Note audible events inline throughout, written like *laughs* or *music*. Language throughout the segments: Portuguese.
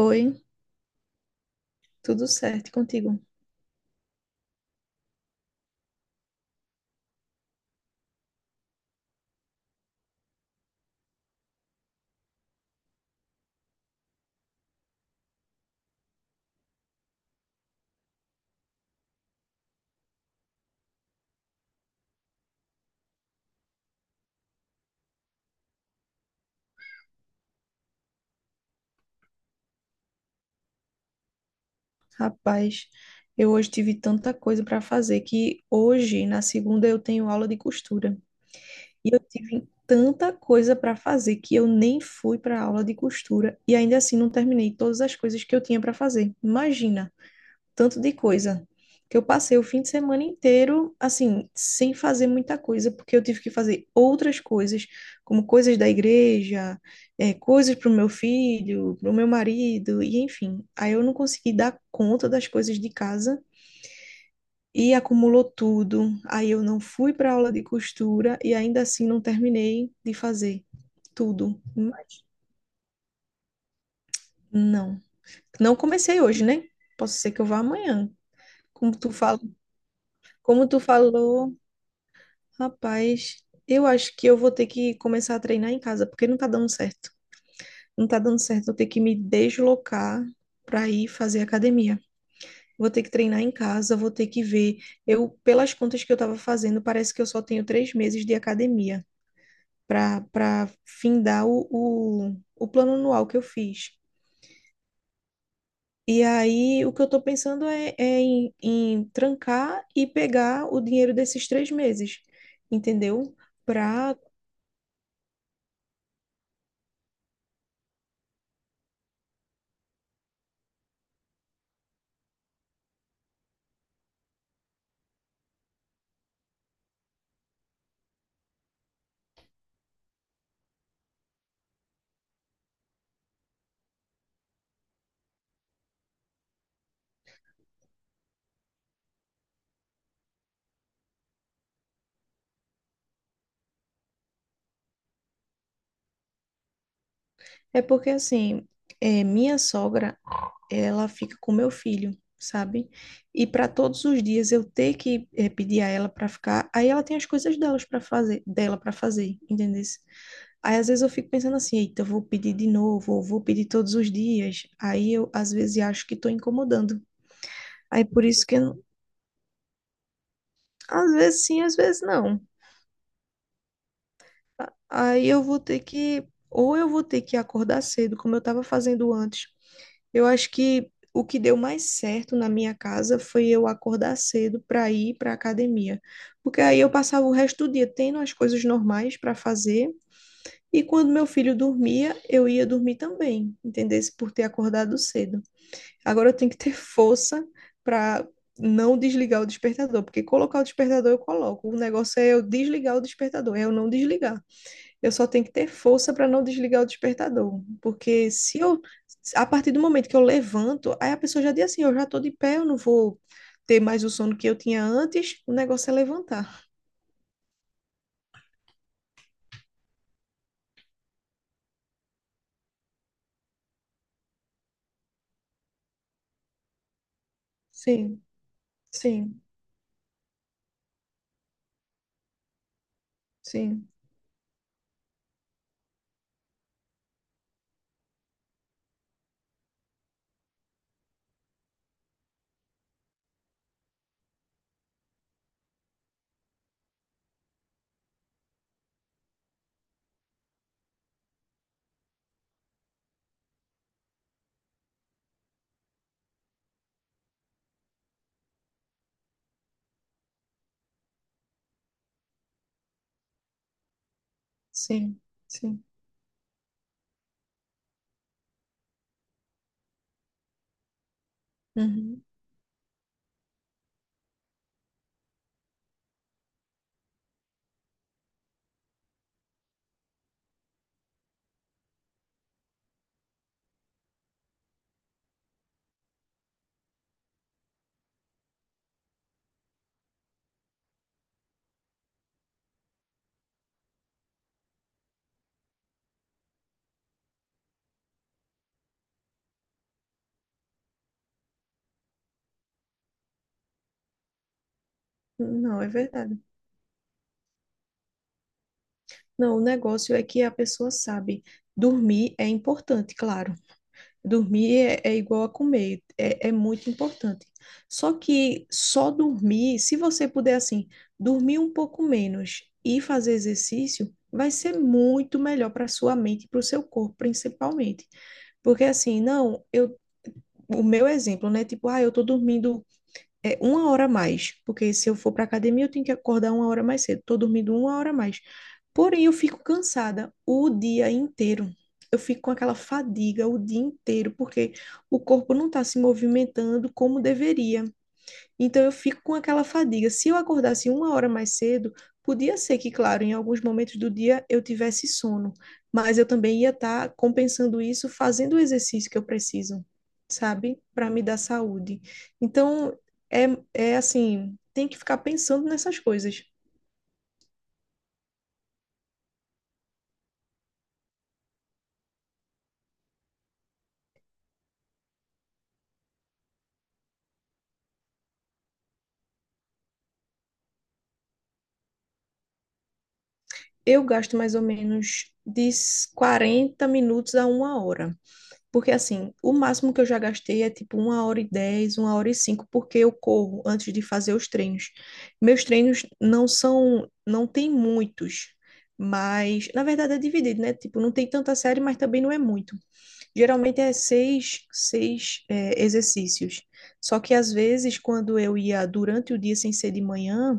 Oi, tudo certo e contigo? Rapaz, eu hoje tive tanta coisa para fazer que hoje, na segunda, eu tenho aula de costura. E eu tive tanta coisa para fazer que eu nem fui para a aula de costura e ainda assim não terminei todas as coisas que eu tinha para fazer. Imagina! Tanto de coisa, que eu passei o fim de semana inteiro, assim, sem fazer muita coisa, porque eu tive que fazer outras coisas, como coisas da igreja, coisas para o meu filho, para o meu marido, e enfim. Aí eu não consegui dar conta das coisas de casa. E acumulou tudo. Aí eu não fui para aula de costura e ainda assim não terminei de fazer tudo. Hum. Não. Não comecei hoje, né? Posso ser que eu vá amanhã. Como tu fala, como tu falou, Rapaz, eu acho que eu vou ter que começar a treinar em casa, porque não tá dando certo. Não tá dando certo eu ter que me deslocar para ir fazer academia. Vou ter que treinar em casa, vou ter que ver. Eu, pelas contas que eu tava fazendo, parece que eu só tenho 3 meses de academia para findar o plano anual que eu fiz. E aí, o que eu tô pensando é, em trancar e pegar o dinheiro desses 3 meses, entendeu? Para É porque assim, minha sogra, ela fica com meu filho, sabe? E para todos os dias eu ter que pedir a ela para ficar, aí ela tem as coisas delas para fazer, dela para fazer, entendeu? Aí às vezes eu fico pensando assim, eita, eu vou pedir de novo, ou vou pedir todos os dias. Aí eu às vezes acho que estou incomodando. Aí por isso que eu não- às vezes sim, às vezes não. Aí eu vou ter que, ou eu vou ter que acordar cedo, como eu estava fazendo antes. Eu acho que o que deu mais certo na minha casa foi eu acordar cedo para ir para a academia, porque aí eu passava o resto do dia tendo as coisas normais para fazer e quando meu filho dormia, eu ia dormir também, entendesse? Por ter acordado cedo. Agora eu tenho que ter *laughs* força para não desligar o despertador, porque colocar o despertador eu coloco, o negócio é eu desligar o despertador, é eu não desligar. Eu só tenho que ter força para não desligar o despertador, porque se eu, a partir do momento que eu levanto, aí a pessoa já diz assim, eu já estou de pé, eu não vou ter mais o sono que eu tinha antes, o negócio é levantar. Sim, sim, sim, sim, sim. Uhum. Não, é verdade. Não, o negócio é que a pessoa sabe, dormir é importante, claro. Dormir é igual a comer, é muito importante. Só que só dormir, se você puder assim, dormir um pouco menos e fazer exercício, vai ser muito melhor para sua mente e para o seu corpo, principalmente. Porque assim, não, o meu exemplo, né? Tipo, ah, eu tô dormindo é uma hora a mais, porque se eu for para academia eu tenho que acordar uma hora mais cedo. Tô dormindo uma hora a mais. Porém, eu fico cansada o dia inteiro. Eu fico com aquela fadiga o dia inteiro, porque o corpo não está se movimentando como deveria. Então eu fico com aquela fadiga. Se eu acordasse uma hora mais cedo, podia ser que, claro, em alguns momentos do dia eu tivesse sono, mas eu também ia estar compensando isso fazendo o exercício que eu preciso, sabe? Para me dar saúde. Então é, é assim, tem que ficar pensando nessas coisas. Eu gasto mais ou menos de 40 minutos a uma hora. Porque assim, o máximo que eu já gastei é tipo uma hora e dez, uma hora e cinco, porque eu corro antes de fazer os treinos. Meus treinos não são, não tem muitos, mas na verdade é dividido, né? Tipo, não tem tanta série, mas também não é muito. Geralmente é seis exercícios. Só que às vezes, quando eu ia durante o dia sem ser de manhã,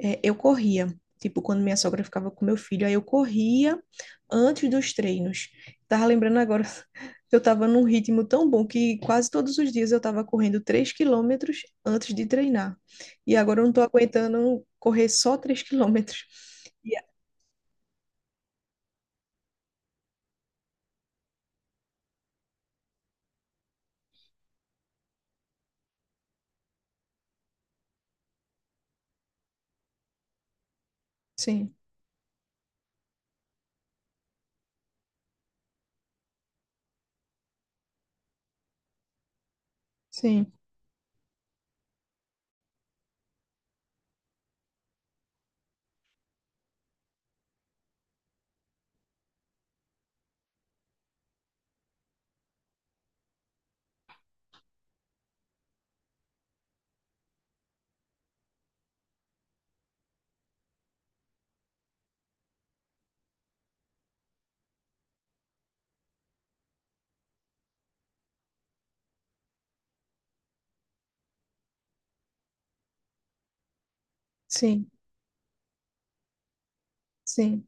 eu corria. Tipo, quando minha sogra ficava com meu filho, aí eu corria antes dos treinos. Tava lembrando agora *laughs* que eu tava num ritmo tão bom que quase todos os dias eu tava correndo 3 quilômetros antes de treinar. E agora eu não tô aguentando correr só 3 quilômetros. E- Sim, sim, sim, sim.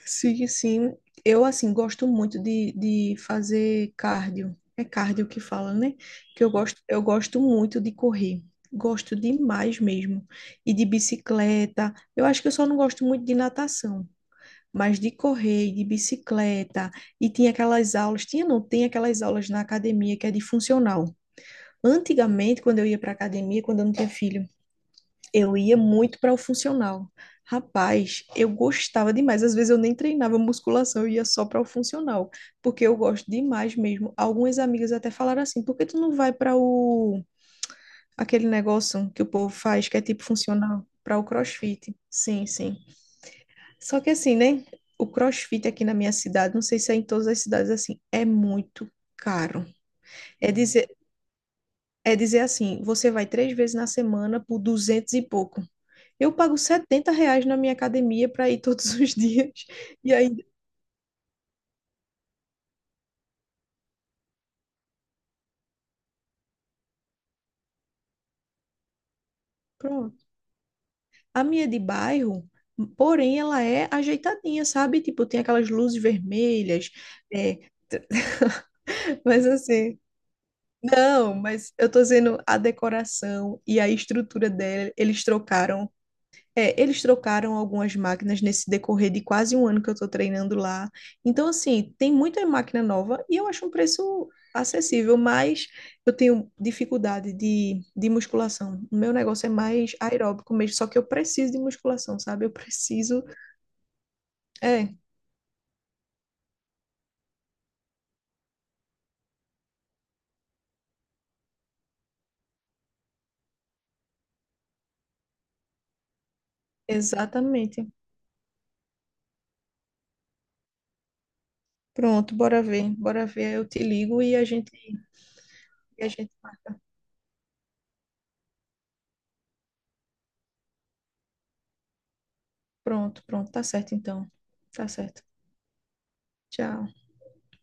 Sim, sim. Eu, assim, gosto muito de fazer cardio. É cardio que fala, né? Que eu gosto muito de correr. Gosto demais mesmo. E de bicicleta. Eu acho que eu só não gosto muito de natação. Mas de correr, e de bicicleta. E tinha aquelas aulas. Tinha, não, tem aquelas aulas na academia que é de funcional. Antigamente, quando eu ia para academia, quando eu não tinha filho, eu ia muito para o funcional. Rapaz, eu gostava demais. Às vezes eu nem treinava musculação, eu ia só para o funcional, porque eu gosto demais mesmo. Algumas amigas até falaram assim: "Por que tu não vai para o aquele negócio que o povo faz, que é tipo funcional, para o CrossFit?" Sim, sim. Só que assim, né? O CrossFit aqui na minha cidade, não sei se é em todas as cidades assim, é muito caro. É dizer, é dizer assim, você vai três vezes na semana por duzentos e pouco. Eu pago R$ 70 na minha academia para ir todos os dias. *laughs* E aí, pronto. A minha é de bairro, porém, ela é ajeitadinha, sabe? Tipo, tem aquelas luzes vermelhas. É, *laughs* mas assim, não, mas eu tô dizendo a decoração e a estrutura dela, eles trocaram. É, eles trocaram algumas máquinas nesse decorrer de quase um ano que eu estou treinando lá. Então, assim, tem muita máquina nova e eu acho um preço acessível, mas eu tenho dificuldade de musculação. O meu negócio é mais aeróbico mesmo, só que eu preciso de musculação, sabe? Eu preciso. É, exatamente. Pronto, bora ver. Bora ver, eu te ligo e a gente... Pronto, pronto, tá certo então. Tá certo. Tchau.